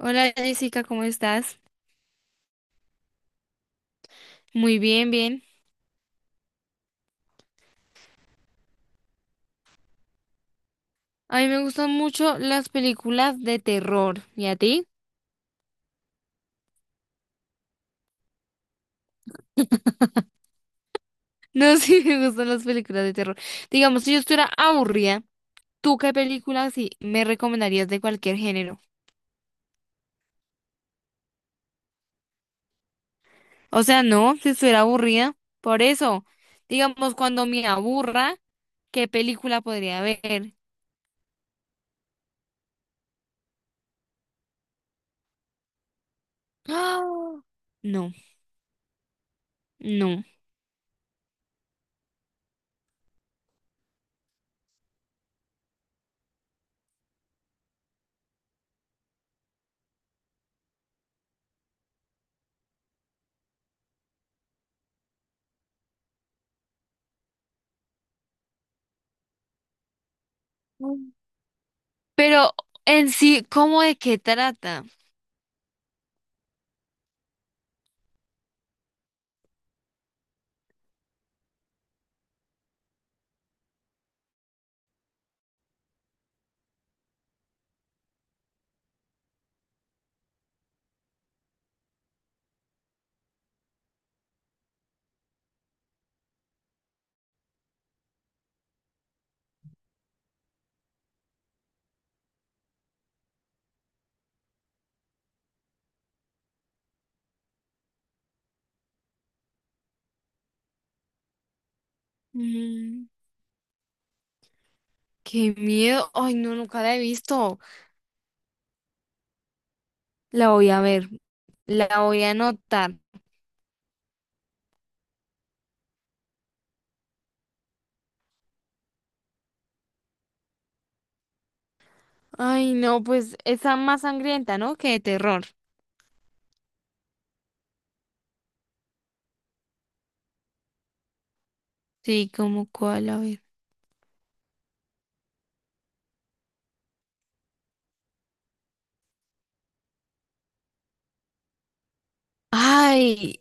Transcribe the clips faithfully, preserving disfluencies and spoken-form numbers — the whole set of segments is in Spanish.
Hola Jessica, ¿cómo estás? Muy bien, bien. A mí me gustan mucho las películas de terror. ¿Y a ti? No, sí, me gustan las películas de terror. Digamos, si yo estuviera aburrida, ¿tú qué películas sí me recomendarías de cualquier género? O sea, no, si estuviera aburrida. Por eso, digamos, cuando me aburra, ¿qué película podría ver? ¡Ah! No, no. Pero en sí, ¿cómo de qué trata? Mm. Qué miedo. Ay, no, nunca la he visto. La voy a ver, la voy a anotar. Ay, no, pues esa más sangrienta, ¿no? Que de terror. Sí, como cuál, a ver. Ay,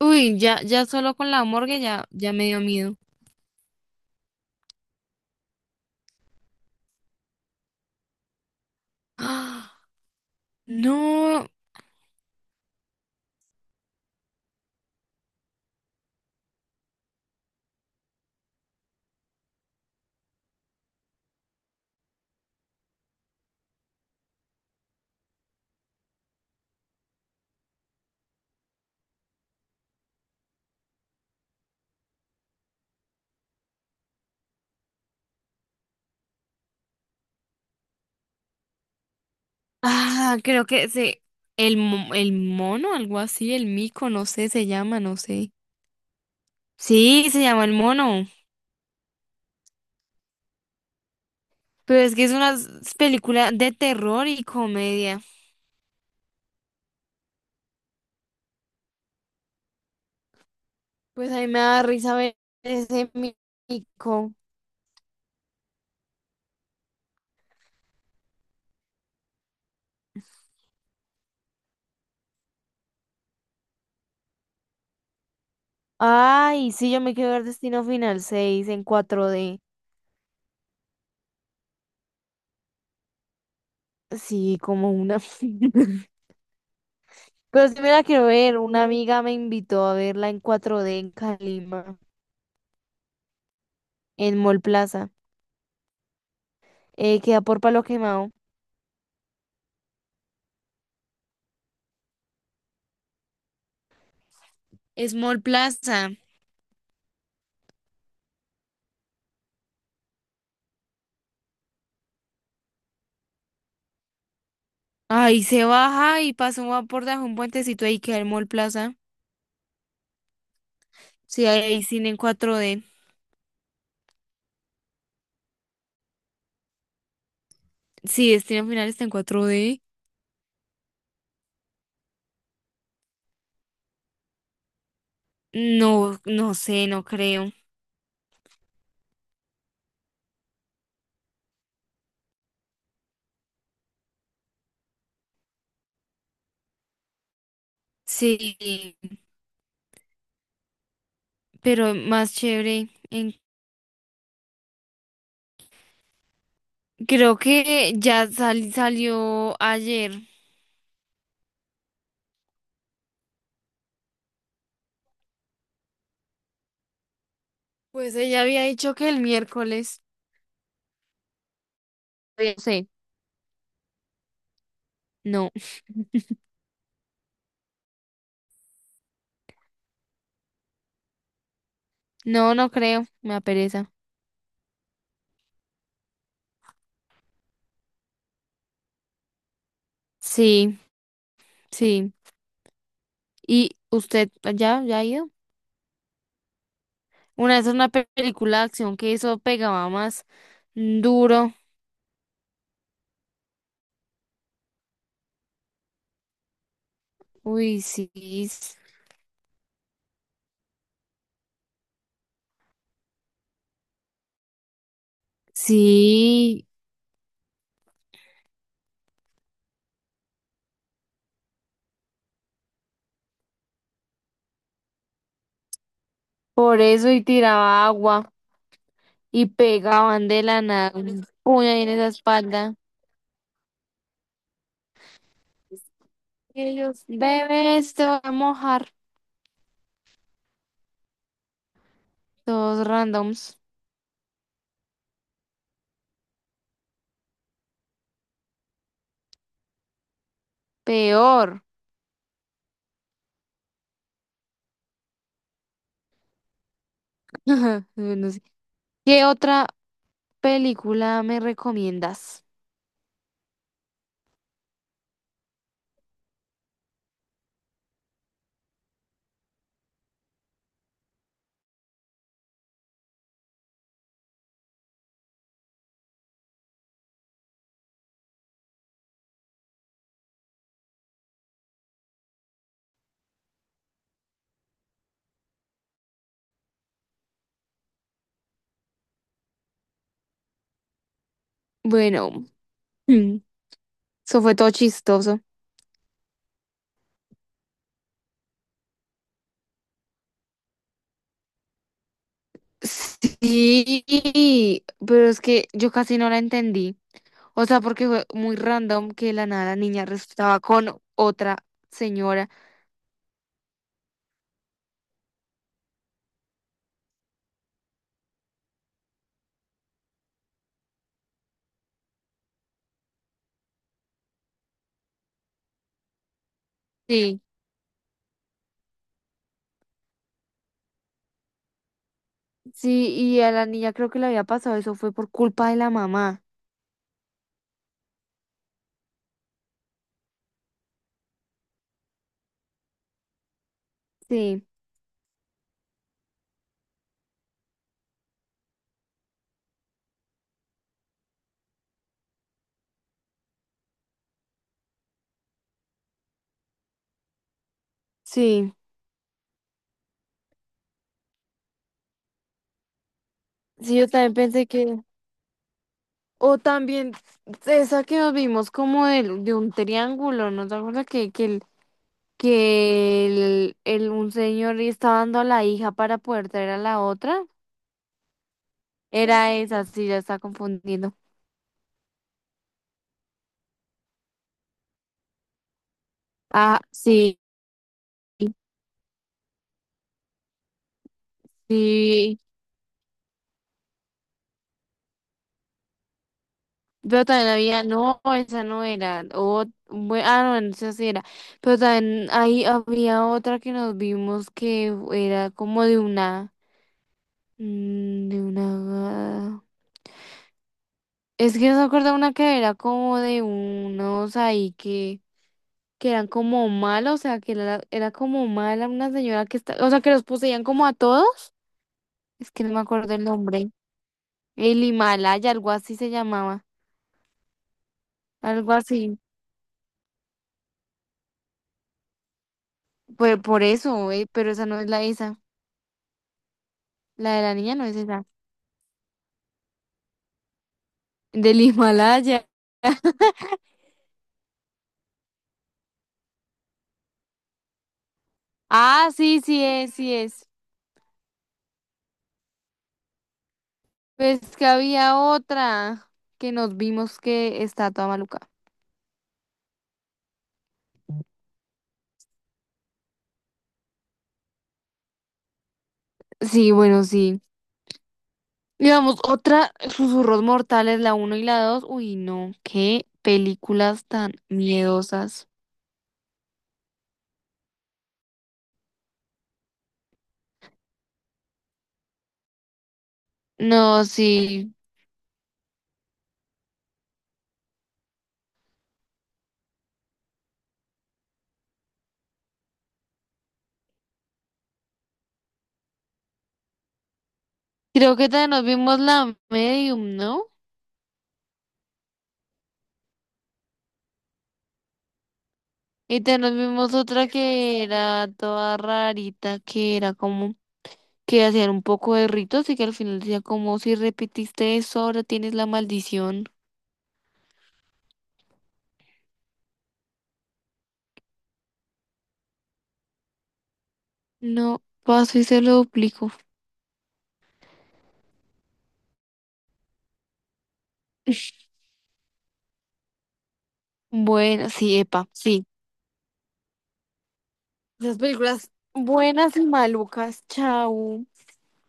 uy, ya, ya solo con la morgue ya, ya me dio miedo. ¡Ah! No, ah, creo que se, el, mo- el mono, algo así, el mico, no sé, se llama, no sé. Sí, se llama el mono. Pero es que es una s- película de terror y comedia. Pues a mí me da risa ver ese mico. Ay, sí, yo me quiero ver Destino Final seis en cuatro de. Sí, como una. Pero sí me la quiero ver. Una amiga me invitó a verla en cuatro de en Calima, en Mall Plaza. Eh, queda por Palo Quemado. Es Mall Plaza. Ay, se baja y pasa un- por debajo de un puentecito ahí queda el Mall Plaza. Sí, ahí hay cine en cuatro de. Sí, Destino Final está en cuatro de. No, no sé, no creo. Sí, pero más chévere. En- creo que ya sal- salió ayer. Pues ella había dicho que el miércoles. Sí. No, no, no creo. Me apereza. Sí, sí. ¿Y usted ya, ya ha ido? Una vez una pe- película de acción que eso pegaba más duro. Uy, sí. s- Sí, por eso y tiraba agua y pegaban de la nada un puño ahí en esa espalda. Ellos beben esto, a mojar todos randoms. Peor. No sé. ¿Qué otra película me recomiendas? Bueno, mm, eso fue todo chistoso. Sí, pero es que yo casi no la entendí. O sea, porque fue muy random que de la nada la niña resultaba con otra señora. Sí, sí, y a la niña creo que le había pasado eso fue por culpa de la mamá. Sí, sí. Sí, yo también pensé que o también esa que nos vimos como del- de, un triángulo, ¿no te acuerdas que, que, el, que el, el- un señor estaba dando a la hija para poder traer a la otra? Era esa, sí, ya está confundiendo. Ah, sí, sí. Pero también había, no, esa no era. O, bue- ah, no, esa sí era. Pero también ahí había otra que nos vimos que era como de una, mm, de una. Es que no se acuerda una que era como de unos ahí que, que eran como malos, o sea, que era, era como mala una señora que está, o sea, que los poseían como a todos. Es que no me acuerdo el nombre. El Himalaya, algo así se llamaba, algo así. Pues por eso, eh, pero esa no es la esa. La de la niña no es esa. Del Himalaya. Ah, sí, sí es, sí es. Pues que había otra que nos vimos que está toda maluca. Sí, bueno, sí. Digamos, otra, Susurros Mortales, la uno y la dos. Uy, no, qué películas tan miedosas. No, sí. Creo que también nos vimos la Medium, ¿no? Y también nos vimos otra que era toda rarita, que era como que hacían un poco de ritos y que al final decía como si repetiste eso, ahora tienes la maldición. No, paso y se lo duplico. Bueno, sí, epa, sí. Esas películas buenas y malucas, chao.